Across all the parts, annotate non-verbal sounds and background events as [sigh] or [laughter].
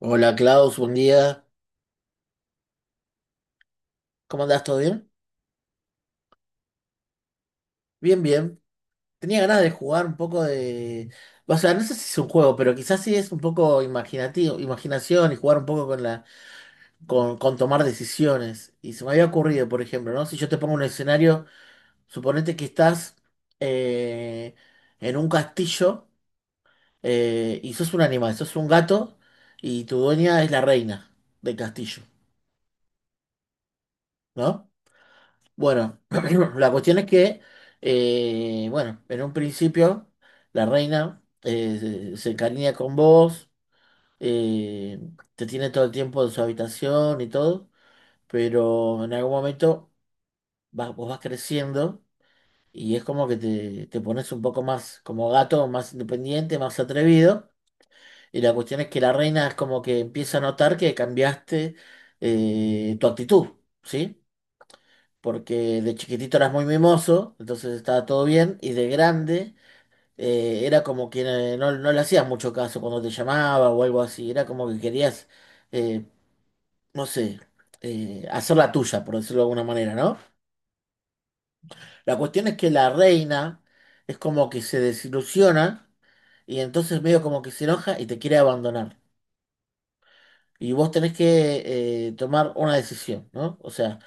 Hola Klaus, buen día. ¿Cómo andás? ¿Todo bien? Bien, bien. Tenía ganas de jugar un poco de. O sea, no sé si es un juego, pero quizás sí es un poco imaginativo, imaginación y jugar un poco con la, con tomar decisiones. Y se me había ocurrido, por ejemplo, ¿no? Si yo te pongo un escenario, suponete que estás eh, en un castillo y sos un animal, sos un gato y tu dueña es la reina del castillo, ¿no? Bueno, [clears throat] la cuestión es que, bueno, en un principio la reina se encariña con vos, eh, te tiene todo el tiempo en su habitación y todo, pero en algún momento vos vas creciendo y es como que te pones un poco más como gato, más independiente, más atrevido. Y la cuestión es que la reina es como que empieza a notar que cambiaste tu actitud, ¿sí? Porque de chiquitito eras muy mimoso, entonces estaba todo bien, y de grande era como que no le hacías mucho caso cuando te llamaba o algo así, era como que querías, eh, no sé, hacer la tuya, por decirlo de alguna manera, ¿no? La cuestión es que la reina es como que se desilusiona y entonces medio como que se enoja y te quiere abandonar. Y vos tenés que tomar una decisión, ¿no? O sea,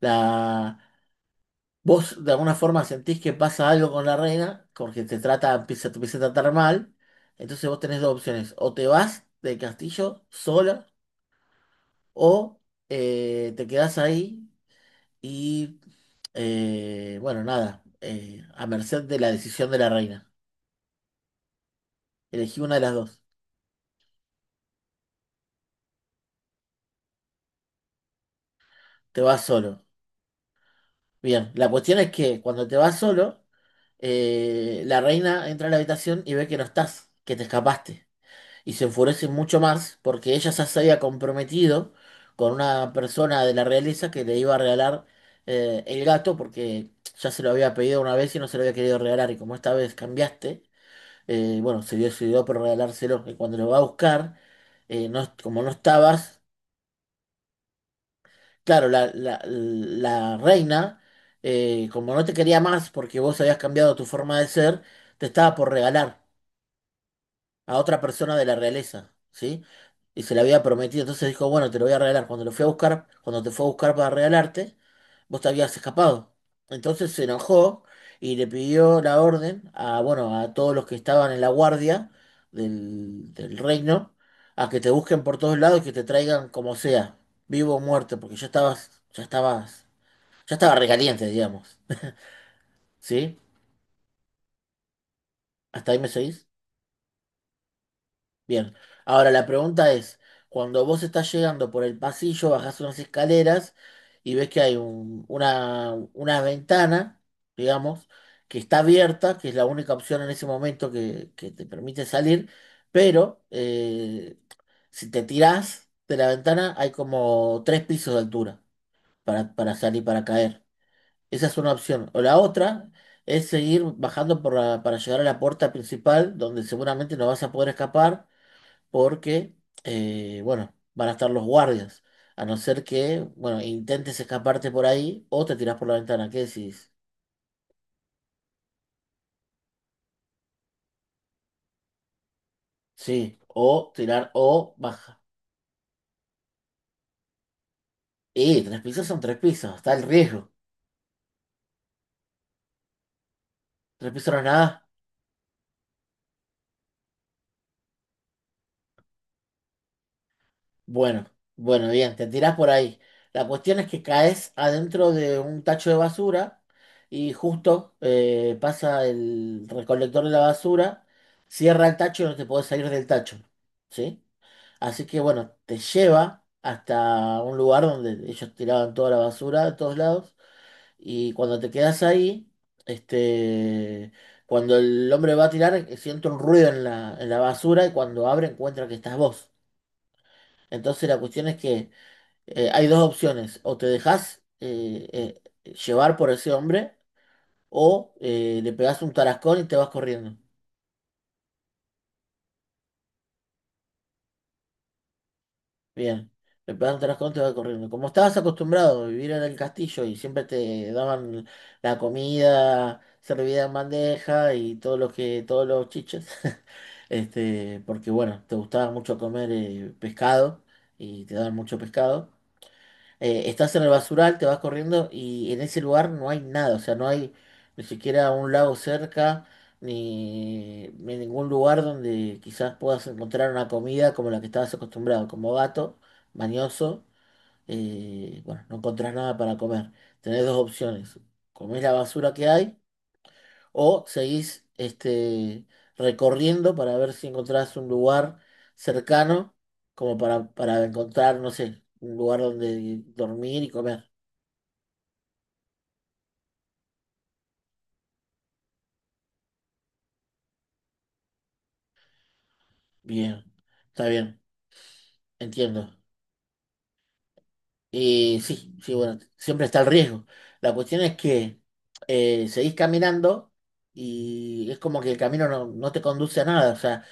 la Vos de alguna forma sentís que pasa algo con la reina, porque te empieza a tratar mal. Entonces vos tenés dos opciones. O te vas del castillo sola, o te quedás ahí y, bueno, nada, a merced de la decisión de la reina. Elegí una de las dos. Te vas solo. Bien, la cuestión es que cuando te vas solo, la reina entra a la habitación y ve que no estás, que te escapaste. Y se enfurece mucho más porque ella ya se había comprometido con una persona de la realeza que le iba a regalar el gato porque ya se lo había pedido una vez y no se lo había querido regalar y como esta vez cambiaste, bueno, se decidió por regalárselo y cuando lo va a buscar, como no estabas, claro, la reina, como no te quería más porque vos habías cambiado tu forma de ser, te estaba por regalar a otra persona de la realeza, ¿sí? Y se la había prometido, entonces dijo, bueno, te lo voy a regalar. Cuando te fue a buscar para regalarte, vos te habías escapado. Entonces se enojó y le pidió la orden a, bueno, a todos los que estaban en la guardia del reino, a que te busquen por todos lados y que te traigan como sea, vivo o muerto, porque ya estaba recaliente, digamos. [laughs] ¿Sí? ¿Hasta ahí me seguís? Bien, ahora la pregunta es, cuando vos estás llegando por el pasillo, bajás unas escaleras y ves que hay una ventana, digamos, que está abierta, que es la única opción en ese momento que te permite salir, pero si te tirás de la ventana hay como tres pisos de altura para salir, para caer. Esa es una opción. O la otra es seguir bajando para llegar a la puerta principal, donde seguramente no vas a poder escapar porque, bueno, van a estar los guardias. A no ser que, bueno, intentes escaparte por ahí o te tirás por la ventana. ¿Qué decís? Sí, o tirar o baja. Y tres pisos son tres pisos, está el riesgo. Tres pisos no es nada. Bueno, bueno, bien, te tirás por ahí. La cuestión es que caes adentro de un tacho de basura y justo pasa el recolector de la basura, cierra el tacho y no te podés salir del tacho. ¿Sí? Así que bueno, te lleva hasta un lugar donde ellos tiraban toda la basura de todos lados y cuando te quedas ahí, este, cuando el hombre va a tirar, siente un ruido en la basura y cuando abre encuentra que estás vos. Entonces la cuestión es que hay dos opciones, o te dejas llevar por ese hombre o le pegás un tarascón y te vas corriendo. Bien, le pegaron tres contos y va corriendo. Como estabas acostumbrado a vivir en el castillo y siempre te daban la comida servida en bandeja y todos los chiches, [laughs] porque bueno, te gustaba mucho comer pescado y te daban mucho pescado estás en el basural, te vas corriendo y en ese lugar no hay nada, o sea, no hay ni siquiera un lago cerca, ni ningún lugar donde quizás puedas encontrar una comida como la que estabas acostumbrado, como gato, mañoso, bueno, no encontrás nada para comer. Tenés dos opciones, comés la basura que hay o seguís recorriendo para ver si encontrás un lugar cercano como para encontrar, no sé, un lugar donde dormir y comer. Bien, está bien, entiendo. Y sí, sí, bueno, siempre está el riesgo. La cuestión es que seguís caminando y es como que el camino no te conduce a nada. O sea,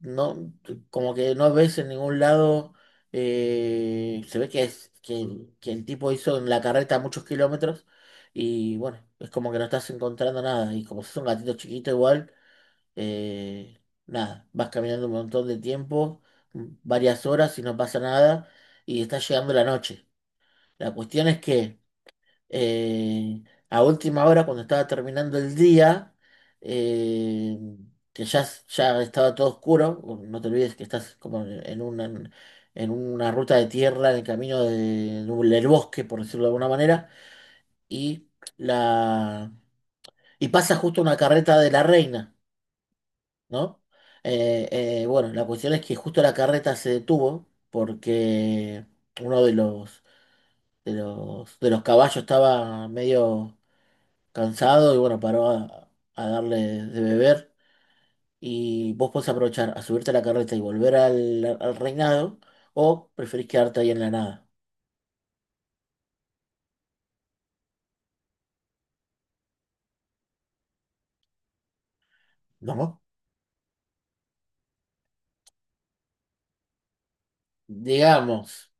no, como que no ves en ningún lado, se ve que el tipo hizo en la carreta muchos kilómetros y bueno, es como que no estás encontrando nada y como sos un gatito chiquito igual. eh, Nada, vas caminando un montón de tiempo, varias horas y no pasa nada, y está llegando la noche. La cuestión es que eh, a última hora, cuando estaba terminando el día, eh, ya estaba todo oscuro, o no te olvides que estás como en una ruta de tierra, en el camino del bosque, por decirlo de alguna manera, y, la, y pasa justo una carreta de la reina. ¿No? Eh, bueno, la cuestión es que justo la carreta se detuvo porque uno de los caballos estaba medio cansado y bueno, paró a darle de beber. Y vos podés aprovechar a subirte a la carreta y volver al reinado o preferís quedarte ahí en la nada. ¿No? Digamos,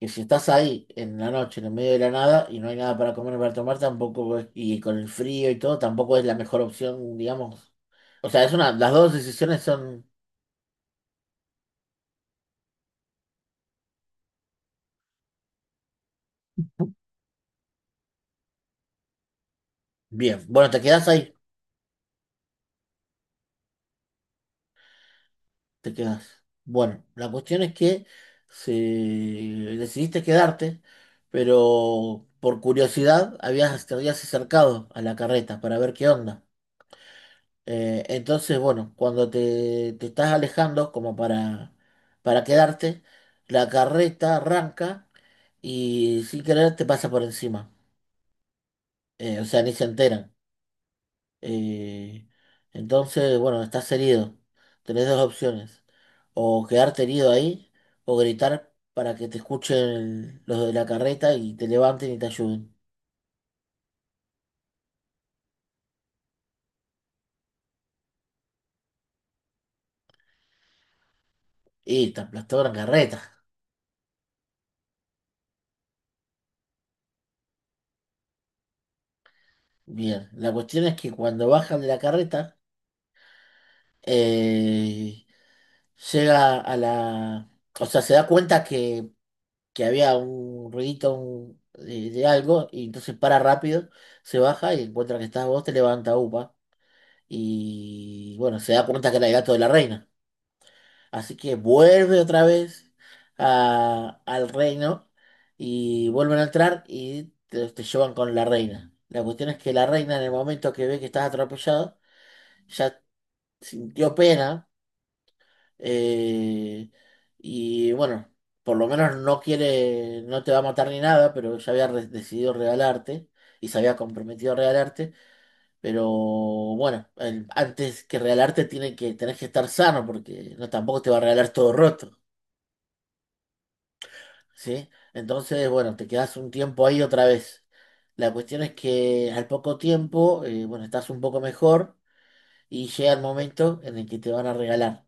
que si estás ahí en la noche, en el medio de la nada, y no hay nada para comer ni para tomar, tampoco es- y con el frío y todo, tampoco es la mejor opción, digamos. O sea, las dos decisiones son. Bien. Bueno, te quedás ahí, te quedás. Bueno, la cuestión es que decidiste quedarte, pero por curiosidad te habías acercado a la carreta para ver qué onda. Entonces, bueno, cuando te estás alejando como para quedarte, la carreta arranca y sin querer te pasa por encima. O sea, ni se enteran. Eh, entonces, bueno, estás herido. Tenés dos opciones. O quedarte herido ahí o gritar para que te escuchen los de la carreta y te levanten y te ayuden. Y te aplastó la carreta. Bien, la cuestión es que cuando bajan de la carreta, eh, llega a la, o sea, se da cuenta que había un ruidito de algo y entonces para rápido, se baja y encuentra que estás vos, te levanta upa y bueno, se da cuenta que era el gato de la reina. Así que vuelve otra vez al reino y vuelven a entrar y te llevan con la reina. La cuestión es que la reina en el momento que ve que estás atropellado, ya sintió pena. Eh, y bueno, por lo menos no quiere, no te va a matar ni nada, pero ya había decidido regalarte y se había comprometido a regalarte. Pero bueno, antes que regalarte tenés que estar sano porque no tampoco te va a regalar todo roto, ¿sí? Entonces, bueno, te quedas un tiempo ahí otra vez. La cuestión es que al poco tiempo, bueno, estás un poco mejor y llega el momento en el que te van a regalar.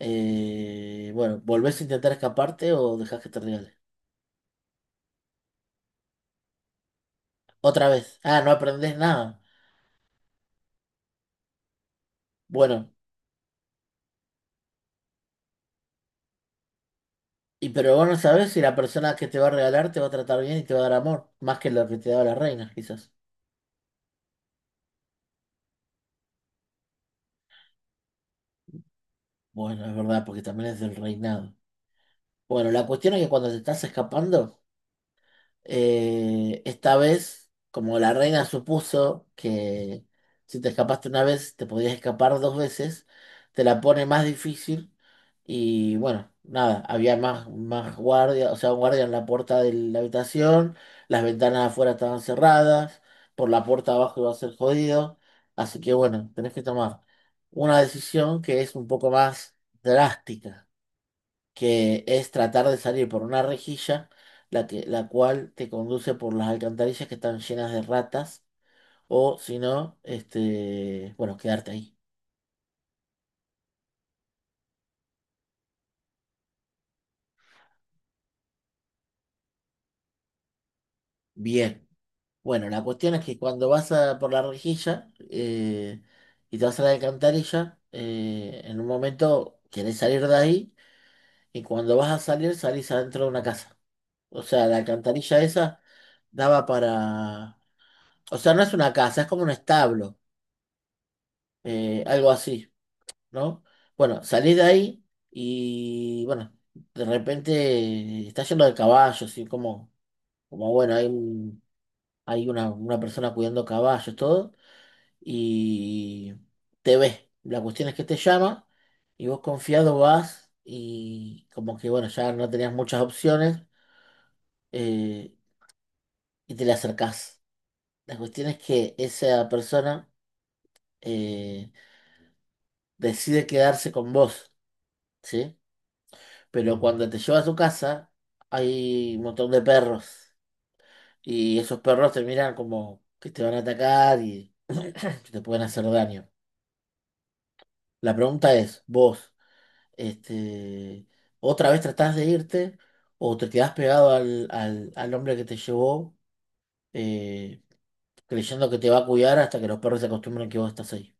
Bueno, ¿volvés a intentar escaparte o dejás que te regale? Otra vez. Ah, no aprendés nada. Bueno, y pero vos no sabés si la persona que te va a regalar te va a tratar bien y te va a dar amor, más que lo que te daba la reina, quizás. Bueno, es verdad, porque también es del reinado. Bueno, la cuestión es que cuando te estás escapando. Esta vez, como la reina supuso que si te escapaste una vez, te podías escapar dos veces, te la pone más difícil y bueno, nada, había más guardia, o sea, un guardia en la puerta de la habitación, las ventanas afuera estaban cerradas, por la puerta abajo iba a ser jodido, así que bueno, tenés que tomar una decisión que es un poco más drástica, que es tratar de salir por una rejilla, la cual te conduce por las alcantarillas que están llenas de ratas, o si no, bueno, quedarte ahí. Bien. Bueno, la cuestión es que cuando por la rejilla y te vas a la alcantarilla, en un momento querés salir de ahí y cuando vas a salir, salís adentro de una casa. O sea, la alcantarilla esa daba para... O sea, no es una casa, es como un establo, algo así, ¿no? Bueno, salí de ahí y bueno, de repente está lleno de caballos y como bueno, hay una persona cuidando caballos, todo, y te ve. La cuestión es que te llama y vos confiado vas y como que bueno, ya no tenías muchas opciones, eh, y te le acercás. La cuestión es que esa persona, eh, decide quedarse con vos, ¿sí? Pero cuando te lleva a su casa hay un montón de perros y esos perros te miran como que te van a atacar y [clears throat] te pueden hacer daño. La pregunta es, vos, este, ¿otra vez tratás de irte o te quedás pegado al hombre que te llevó, eh, creyendo que te va a cuidar hasta que los perros se acostumbren que vos estás ahí?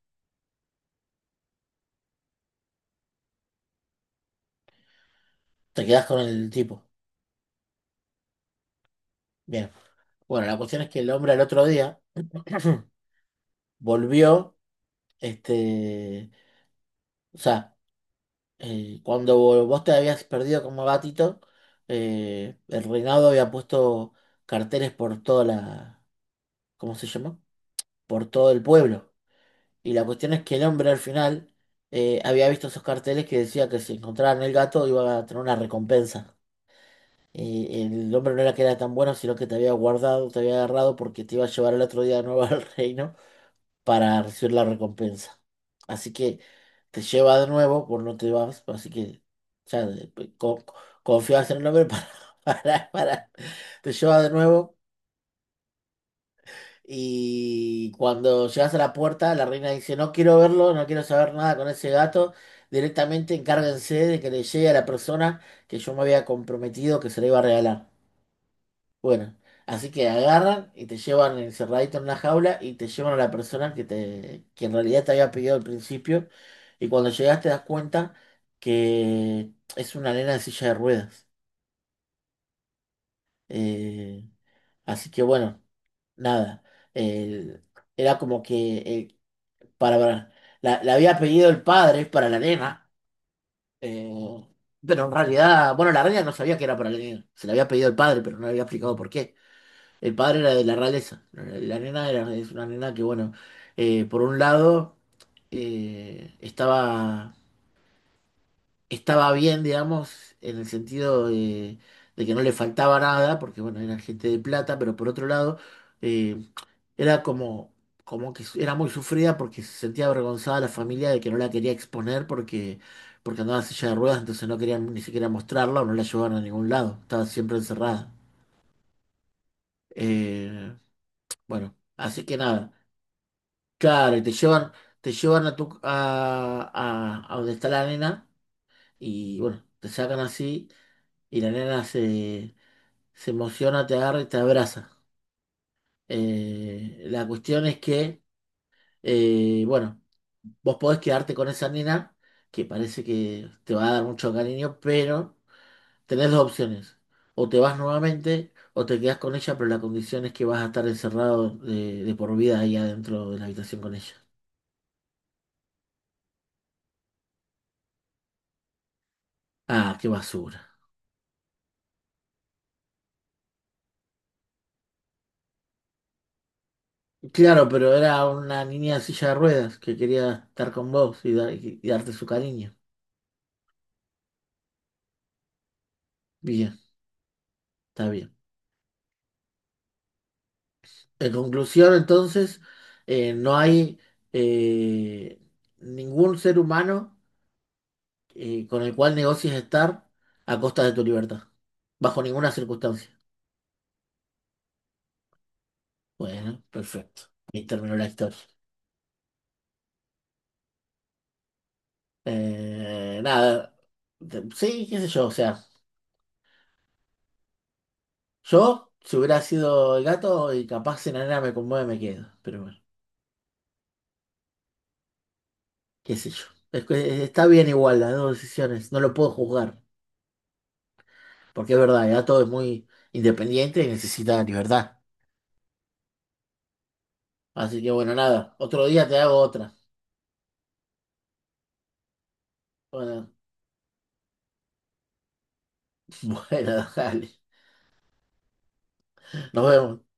Te quedás con el tipo. Bien. Bueno, la cuestión es que el hombre al otro día [clears throat] volvió, este, o sea, cuando vos te habías perdido como gatito, el reinado había puesto carteles por toda la, ¿cómo se llama? Por todo el pueblo. Y la cuestión es que el hombre al final había visto esos carteles que decía que si encontraban el gato iba a tener una recompensa. Y el hombre no era que era tan bueno, sino que te había guardado, te había agarrado porque te iba a llevar el otro día de nuevo [laughs] al reino para recibir la recompensa. Así que te lleva de nuevo, por no te vas, así que ya de- co- confías en el hombre para, [laughs] para, para- te lleva de nuevo. Y cuando llegas a la puerta, la reina dice, no quiero verlo, no quiero saber nada con ese gato, directamente encárguense de que le llegue a la persona que yo me había comprometido que se le iba a regalar. Bueno, así que agarran y te llevan encerradito en una jaula y te llevan a la persona que en realidad te había pedido al principio. Y cuando llegas te das cuenta que es una nena de silla de ruedas. Eh, Así que bueno, nada. El- Era como que para, para- la había pedido el padre para la nena. eh, pero en realidad, bueno, la reina no sabía que era para la nena. Se la había pedido el padre, pero no le había explicado por qué. El padre era de la realeza. Es una nena que, bueno, por un lado, eh, estaba, estaba bien, digamos, en el sentido de que no le faltaba nada, porque, bueno, era gente de plata, pero por otro lado, eh, era como, como era muy sufrida porque se sentía avergonzada la familia de que no la quería exponer porque, porque andaba en silla de ruedas, entonces no querían ni siquiera mostrarla o no la llevaban a ningún lado. Estaba siempre encerrada. Eh, bueno, así que nada. Claro, y te llevan a a donde está la nena y bueno, te sacan así y se emociona, te agarra y te abraza. La cuestión es que, Bueno, vos podés quedarte con esa nena que parece que te va a dar mucho cariño, pero tenés dos opciones. O te vas nuevamente o te quedás con ella, pero la condición es que vas a estar encerrado de por vida ahí adentro de la habitación con ella. Ah, qué basura. Claro, pero era una niña en silla de ruedas que quería estar con vos y, y darte su cariño. Bien, está bien. En conclusión, entonces, no hay eh, ningún ser humano, con el cual negocies estar a costa de tu libertad, bajo ninguna circunstancia. Bueno, perfecto. Y terminó la historia. Nada, sí, qué sé yo, o sea, yo, si hubiera sido el gato y capaz si la nena me conmueve, me quedo, pero bueno, qué sé yo. Es que está bien igual las dos decisiones, no lo puedo juzgar, porque es verdad, ya todo es muy independiente y necesita libertad. Así que bueno, nada, otro día te hago otra. Bueno, [laughs] bueno, dale. Nos vemos.